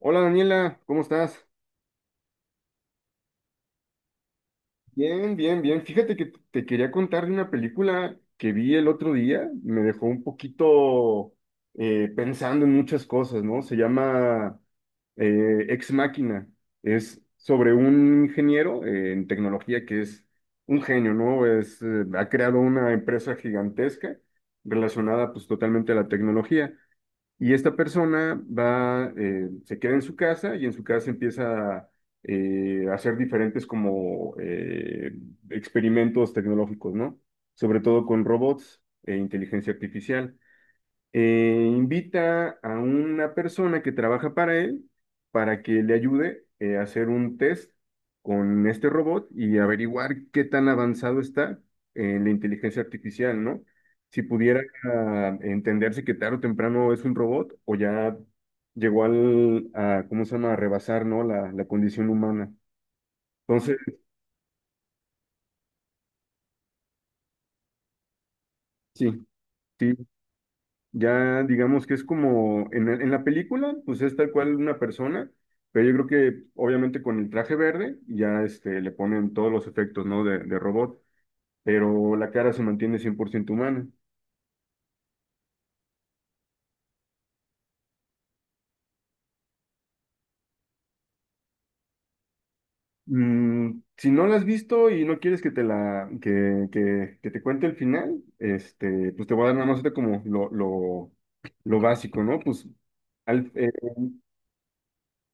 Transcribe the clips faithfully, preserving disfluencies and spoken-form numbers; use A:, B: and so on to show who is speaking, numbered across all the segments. A: Hola Daniela, ¿cómo estás? Bien, bien, bien. Fíjate que te quería contar de una película que vi el otro día. Me dejó un poquito eh, pensando en muchas cosas, ¿no? Se llama eh, Ex Máquina. Es sobre un ingeniero eh, en tecnología que es un genio, ¿no? Es, eh, ha creado una empresa gigantesca relacionada pues totalmente a la tecnología. Y esta persona va, eh, se queda en su casa y en su casa empieza eh, a hacer diferentes como eh, experimentos tecnológicos, ¿no? Sobre todo con robots e inteligencia artificial. Eh, invita a una persona que trabaja para él para que le ayude eh, a hacer un test con este robot y averiguar qué tan avanzado está en la inteligencia artificial, ¿no? Si pudiera ah, entenderse que tarde o temprano es un robot o ya llegó al, a, ¿cómo se llama?, a rebasar, ¿no? La, la condición humana. Entonces, sí, sí, ya digamos que es como en, la- en la película, pues es tal cual una persona, pero yo creo que obviamente con el traje verde ya este, le ponen todos los efectos, ¿no?, de, de robot, pero la cara se mantiene cien por ciento humana. Mm, si no la has visto y no quieres que te la que, que, que te cuente el final, este, pues te voy a dar nada más ahorita como lo, lo, lo básico, ¿no? Pues al- eh,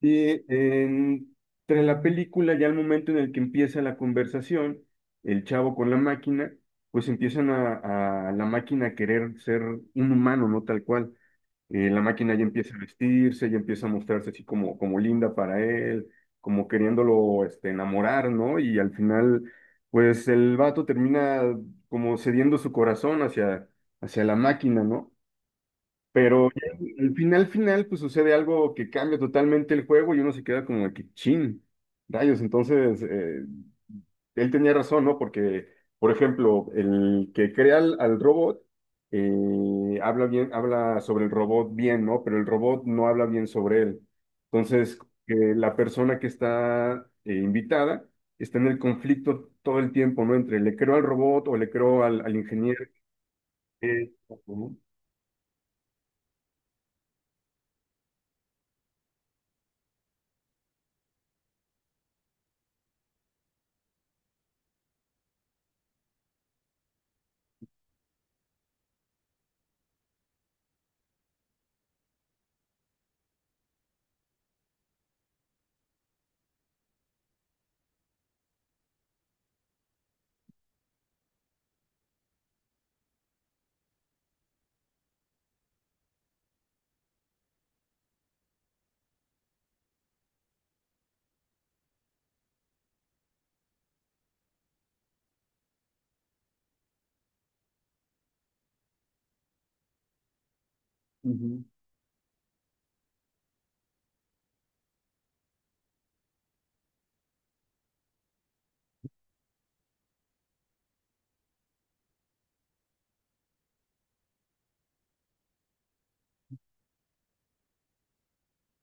A: y en- tras la película, ya al momento en el que empieza la conversación, el chavo con la máquina, pues empiezan a, a la máquina a querer ser un humano, no tal cual. Eh, la máquina ya empieza a vestirse, ya empieza a mostrarse así como, como linda para él, como queriéndolo este, enamorar, ¿no? Y al final, pues el vato termina como cediendo su corazón hacia, hacia la máquina, ¿no? Pero ya al final, final, pues sucede algo que cambia totalmente el juego y uno se queda como de que chin, rayos. Entonces, eh, él tenía razón, ¿no? Porque, por ejemplo, el que crea al, al robot eh, habla bien, habla sobre el robot bien, ¿no? Pero el robot no habla bien sobre él. Entonces, que la persona que está eh, invitada está en el conflicto todo el tiempo, ¿no? Entre le creo al robot o le creo al, al ingeniero. eh, Ujú.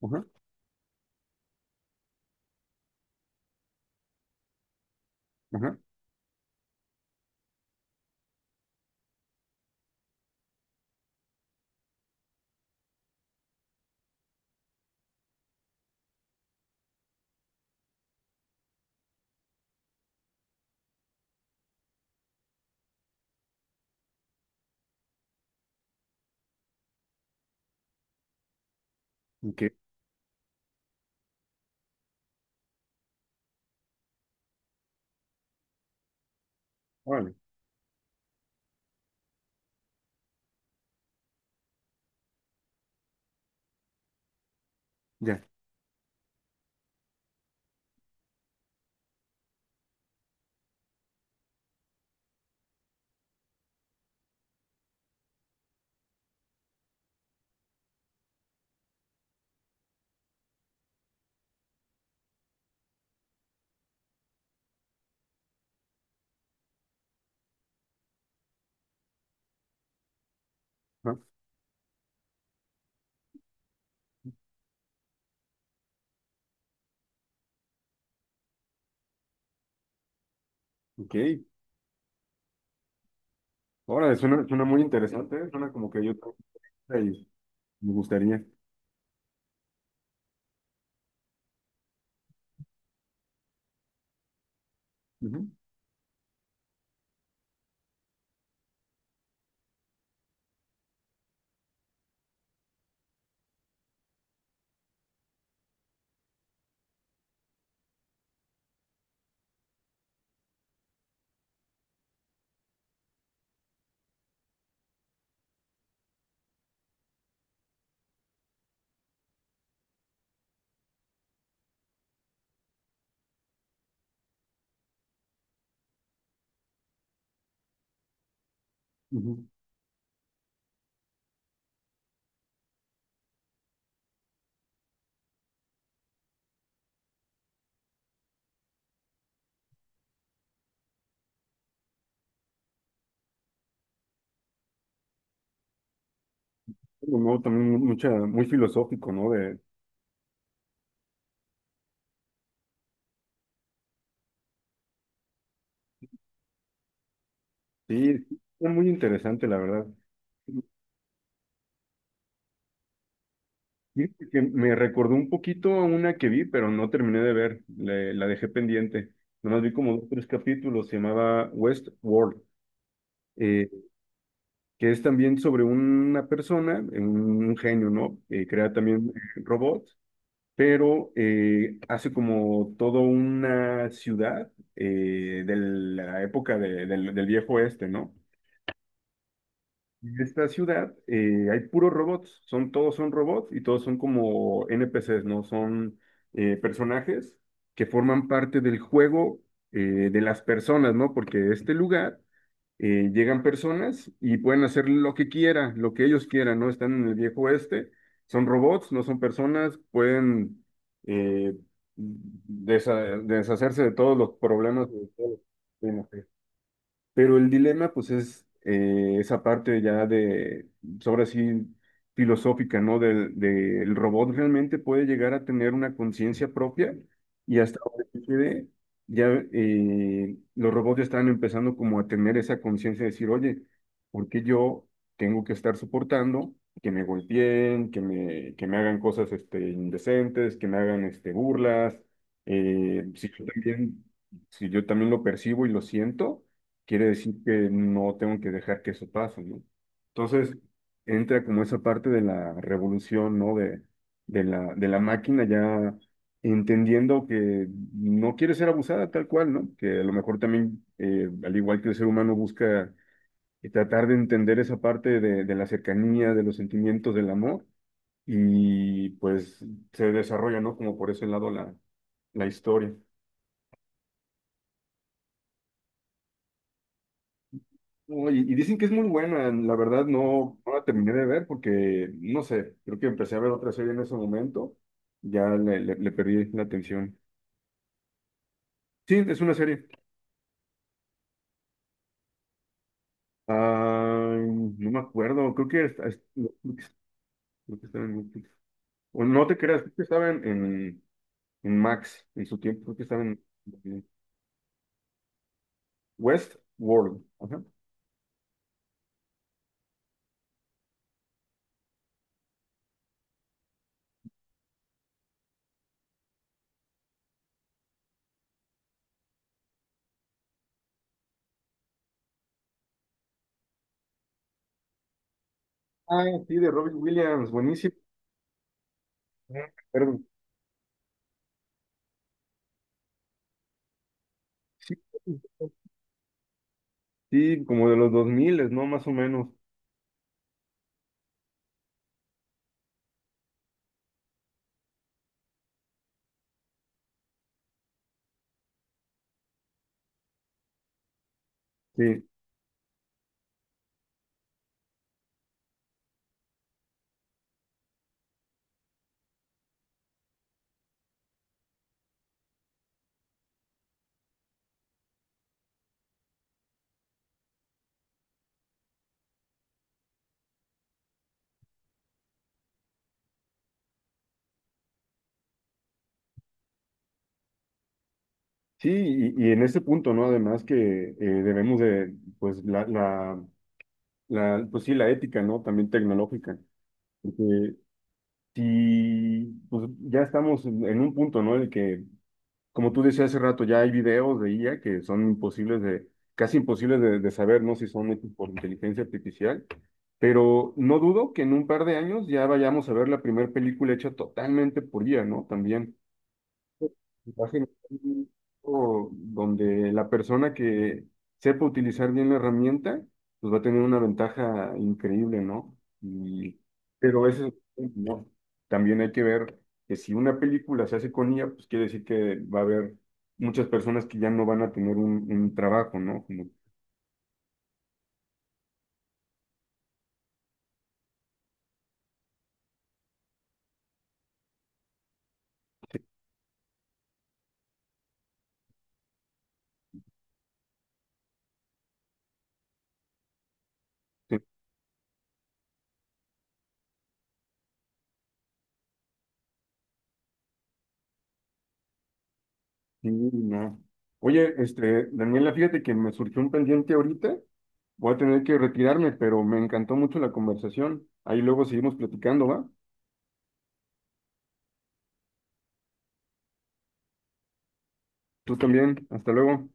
A: Ujú. Ajá. Ok, órale, ya, ¿no? Ok, órale, suena, suena muy interesante, ¿eh? Suena como que yo también y me gustaría. Ujú, ujú. No, también mu- mucha, muy filosófico, ¿no? De, sí, es muy interesante, la verdad. Fíjate que me recordó un poquito a una que vi, pero no terminé de ver, le- la dejé pendiente. Nomás vi como dos, tres capítulos, se llamaba Westworld, eh, que es también sobre una persona, eh, un, un genio, ¿no? Eh, crea también eh, robots, pero eh, hace como toda una ciudad eh, de la época de- del, del viejo oeste, ¿no? En esta ciudad eh, hay puros robots, son, todos son robots y todos son como N P Ces, ¿no? Son eh, personajes que forman parte del juego eh, de las personas, ¿no? Porque este lugar, eh, llegan personas y pueden hacer lo que quieran, lo que ellos quieran, ¿no? Están en el viejo oeste, son robots, no son personas, pueden eh, desa- deshacerse de todos los problemas, de todos los- pero el dilema, pues, es eh, esa parte ya de, sobre así, filosófica, ¿no? Del, del robot realmente puede llegar a tener una conciencia propia y hasta donde se quede, ya eh, los robots ya están empezando como a tener esa conciencia de decir, oye, ¿por qué yo tengo que estar soportando que me golpeen, que me, que me hagan cosas este, indecentes, que me hagan este, burlas? Eh, si yo también, si yo también lo percibo y lo siento quiere decir que no tengo que dejar que eso pase, ¿no? Entonces, entra como esa parte de la revolución, ¿no? De, de la, de la máquina ya entendiendo que no quiere ser abusada tal cual, ¿no? Que a lo mejor también, eh, al igual que el ser humano, busca eh, tratar de entender esa parte de, de la cercanía, de los sentimientos, del amor, y pues se desarrolla, ¿no? Como por ese lado la, la historia. No, y, y dicen que es muy buena, la verdad no, no la terminé de ver porque, no sé, creo que empecé a ver otra serie en ese momento, ya le, le- le perdí la atención. Sí, es una serie. Ah, no me acuerdo, creo que, está- es- Netflix, creo que estaba en Netflix. O no te creas, creo que estaba en, en, en Max en su tiempo, creo que estaba en Westworld. Ajá. Ah, sí, de Robin Williams, buenísimo. Ajá, perdón. Sí, sí, como de los dos mil, ¿no? Más o menos. Sí. Sí, y, y en ese punto, ¿no? Además que eh, debemos de, pues, la, la, la, pues sí, la ética, ¿no? También tecnológica. Porque si, pues ya estamos en, en un punto, ¿no? En el que, como tú decías hace rato, ya hay videos de I A que son imposibles de, casi imposibles de, de saber, ¿no? Si son hechos por inteligencia artificial. Pero no dudo que en un par de años ya vayamos a ver la primera película hecha totalmente por I A, ¿no? También. Imagen o donde la persona que sepa utilizar bien la herramienta, pues va a tener una ventaja increíble, ¿no? Y, pero eso, no. También hay que ver que si una película se hace con I A, pues quiere decir que va a haber muchas personas que ya no van a tener un, un trabajo, ¿no? Como, sí, no. Oye, este, Daniela, fíjate que me surgió un pendiente ahorita. Voy a tener que retirarme, pero me encantó mucho la conversación. Ahí luego seguimos platicando, ¿va? Tú también. Hasta luego.